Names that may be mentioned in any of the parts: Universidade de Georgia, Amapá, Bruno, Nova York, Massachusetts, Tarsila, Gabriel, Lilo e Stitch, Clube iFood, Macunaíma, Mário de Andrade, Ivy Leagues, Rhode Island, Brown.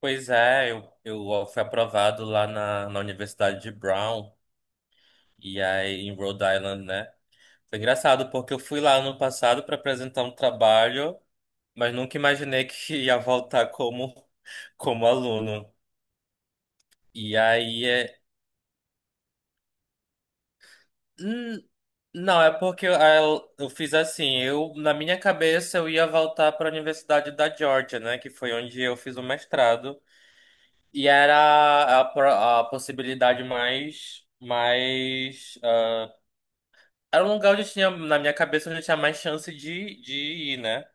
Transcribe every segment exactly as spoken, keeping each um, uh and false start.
Pois é, eu, eu fui aprovado lá na, na Universidade de Brown, e aí em Rhode Island, né? Foi engraçado, porque eu fui lá ano passado para apresentar um trabalho, mas nunca imaginei que ia voltar como, como aluno. E aí é. hum, Não, é porque eu, eu eu fiz assim, eu na minha cabeça eu ia voltar para a Universidade da Georgia, né? Que foi onde eu fiz o mestrado. E era a, pro- a possibilidade mais, mais Era um lugar onde eu tinha, na minha cabeça, onde eu tinha mais chance de, de ir, né?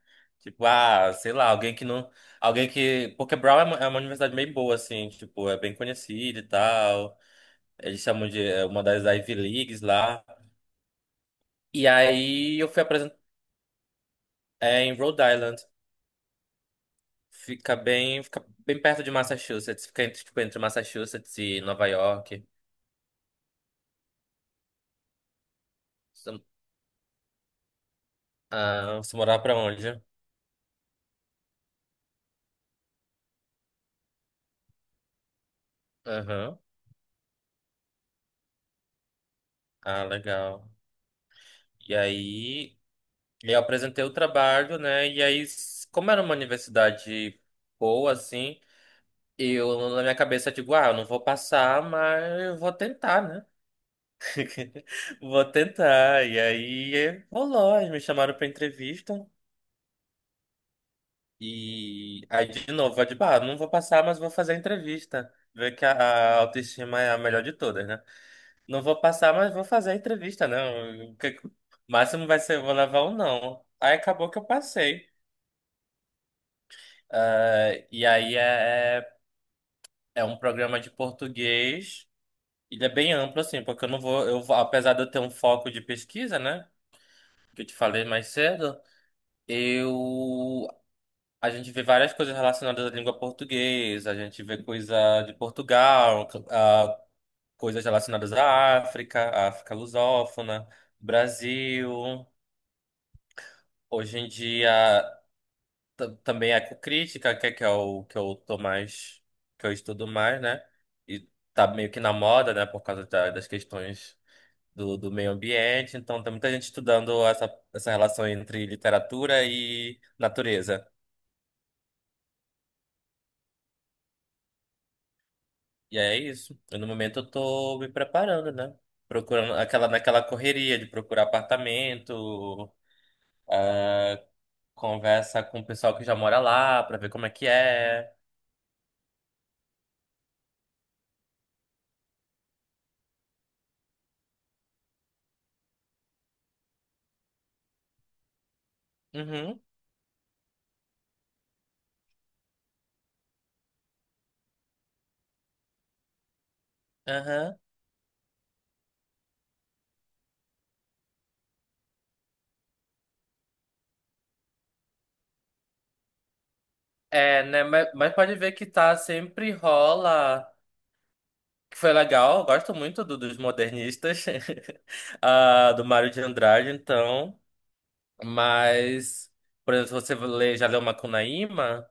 Tipo, ah, sei lá, alguém que não. Alguém que. Porque Brown é uma, é uma universidade meio boa, assim, tipo, é bem conhecida e tal. Eles chamam de é uma das Ivy Leagues lá. E aí eu fui apresentar em Rhode Island. Fica bem, fica bem perto de Massachusetts. Fica entre, tipo, entre Massachusetts e Nova York. Você- Ah, você morava pra onde? Aham. Ah, legal. E aí. E eu apresentei o trabalho, né? E aí, s- como era uma universidade boa, assim, eu na minha cabeça digo, ah, eu não vou passar, mas eu vou tentar, né? Vou tentar. E aí eh, rolou, eles me chamaram pra entrevista. E aí, de novo, eu digo, ah, não vou passar, mas vou fazer a entrevista. Ver que a a autoestima é a melhor de todas, né? Não vou passar, mas vou fazer a entrevista, né? O que- o máximo vai ser, eu vou levar um não. Aí acabou que eu passei. Ah, e aí é, é é um programa de português. Ele é bem amplo, assim, porque eu não vou, eu, vou- apesar de eu ter um foco de pesquisa, né? Que eu te falei mais cedo, eu, a gente vê várias coisas relacionadas à língua portuguesa, a gente vê coisa de Portugal, ah, coisas relacionadas à África, à África lusófona, Brasil. Hoje em dia tam- também ecocrítica que é, que é o que eu tô mais, que eu estudo mais, né? E tá meio que na moda, né? Por causa da- das questões do, do meio ambiente. Então tem muita gente estudando essa, essa relação entre literatura e natureza. E é isso. Eu, no momento eu tô me preparando, né? Procurando aquela, naquela correria de procurar apartamento, conversa com o pessoal que já mora lá pra ver como é que é. Uhum. Aham. É, né? Mas, mas pode ver que tá, sempre rola. Que foi legal, eu gosto muito do- dos modernistas, ah, do Mário de Andrade, então. Mas, por exemplo, você lê, já leu Macunaíma,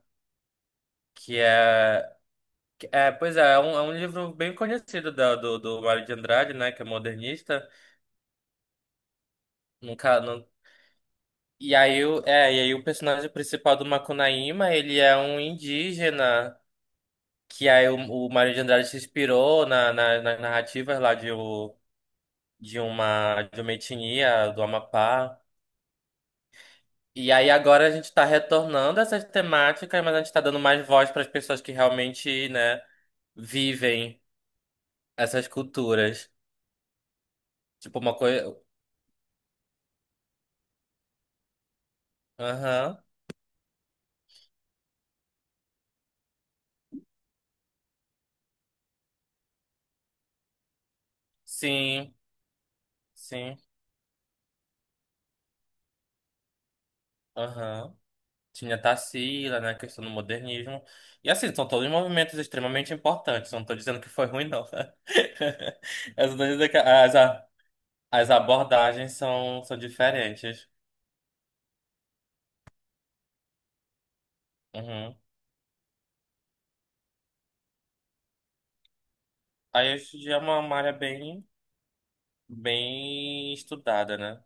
que é. Que É, pois é, é um, é um livro bem conhecido da- do, do Mário de Andrade, né? Que é modernista. Nunca, não, e aí, o- é, e aí o personagem principal do Macunaíma, ele é um indígena. Que aí o, o Mário de Andrade se inspirou na, na- nas narrativas lá de, o- de uma de uma etnia do Amapá. E aí agora a gente está retornando a essas temáticas, mas a gente está dando mais voz para as pessoas que realmente, né, vivem essas culturas. Tipo uma coisa. Aham. Sim, sim. Aham. Tinha Tarsila, né? Questão do modernismo. E assim, são todos movimentos extremamente importantes. Não tô dizendo que foi ruim, não. As, as, As abordagens são, são diferentes. Uhum. Aí hoje em dia é uma uma área bem, bem estudada, né?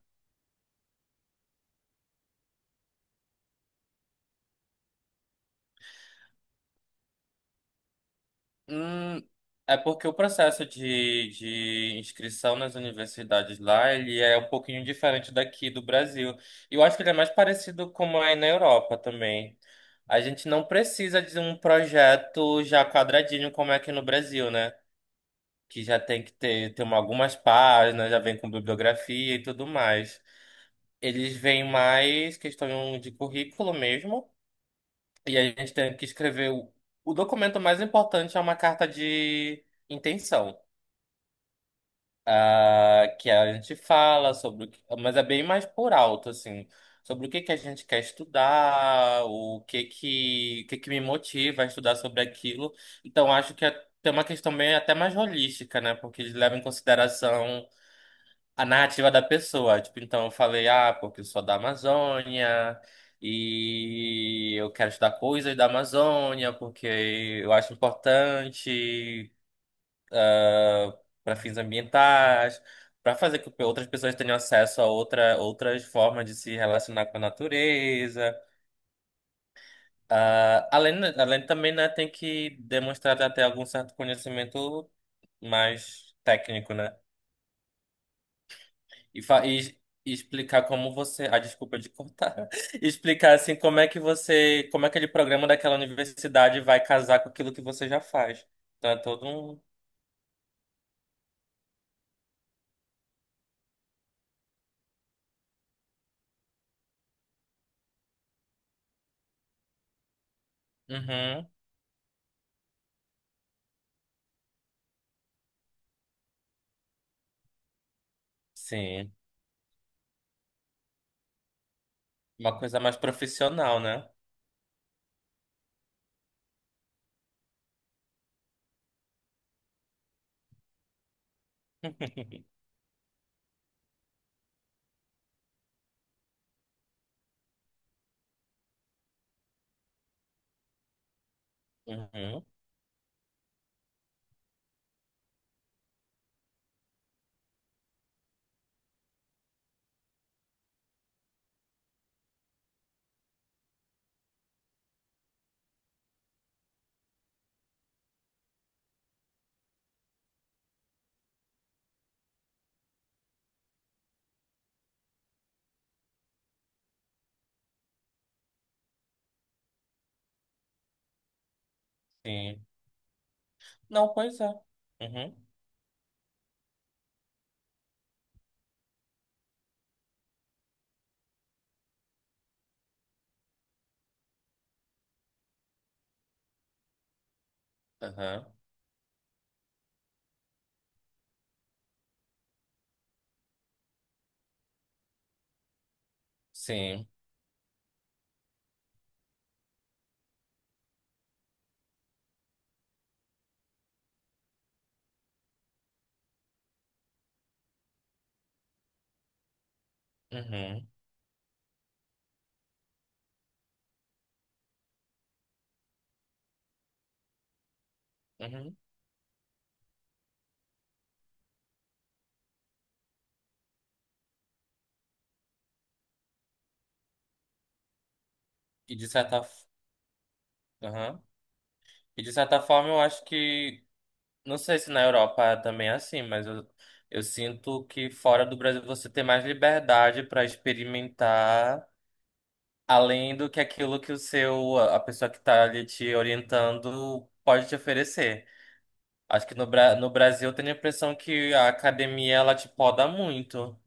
Hum, é porque o processo de, de inscrição nas universidades lá, ele é um pouquinho diferente daqui do Brasil. E eu acho que ele é mais parecido como é na Europa também. A gente não precisa de um projeto já quadradinho como é aqui no Brasil, né? Que já tem que ter, ter uma- algumas páginas, já vem com bibliografia e tudo mais. Eles veem mais questão de currículo mesmo. E a gente tem que escrever o, o documento mais importante é uma carta de intenção. Ah, que a gente fala sobre o que, mas é bem mais por alto, assim, sobre o que que a gente quer estudar, o que que, o que que me motiva a estudar sobre aquilo. Então, acho que é, tem uma questão bem até mais holística, né? Porque eles levam em consideração a narrativa da pessoa. Tipo, então eu falei, ah, porque eu sou da Amazônia e eu quero estudar coisas da Amazônia porque eu acho importante para fins ambientais, para fazer com que outras pessoas tenham acesso a outra, outras formas de se relacionar com a natureza. Ah, além, além também, né, tem que demonstrar até algum certo conhecimento mais técnico, né? E, fa- e- e explicar como você. Ah, desculpa de cortar. Explicar assim como é que você. Como aquele programa daquela universidade vai casar com aquilo que você já faz. Então é todo um. Uhum, sim. Uma coisa mais profissional, né? Uhum, sim. Não, pois é. Uhum, aham, sim. Uhum, uhum. E de certa. f- Aham. E de certa forma eu acho que. Não sei se na Europa também é assim, mas eu, eu sinto que fora do Brasil você tem mais liberdade para experimentar, além do que aquilo que o seu, a pessoa que está ali te orientando pode te oferecer. Acho que no, Bra- no Brasil eu tenho a impressão que a academia ela te poda muito.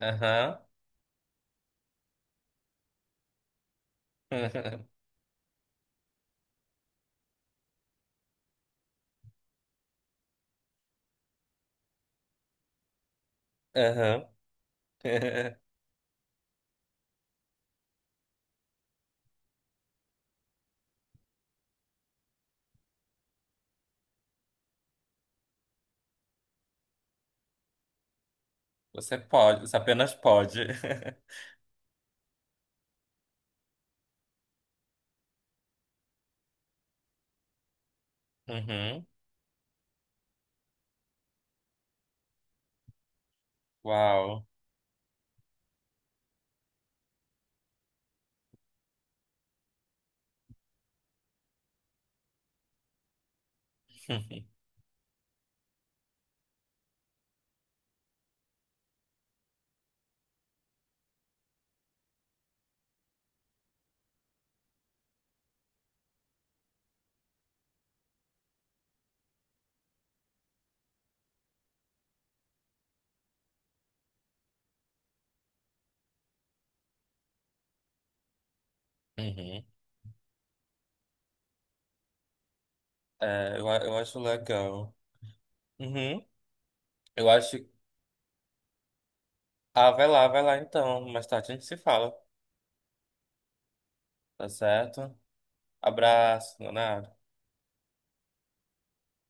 Aham. Aham. Você pode, você apenas pode. Uhum. Uau. Uhum. É, eu, a- eu acho legal. Uhum. Eu acho. Ah, vai lá, vai lá então. Mais tarde a gente se fala. Tá certo? Abraço, Leonardo.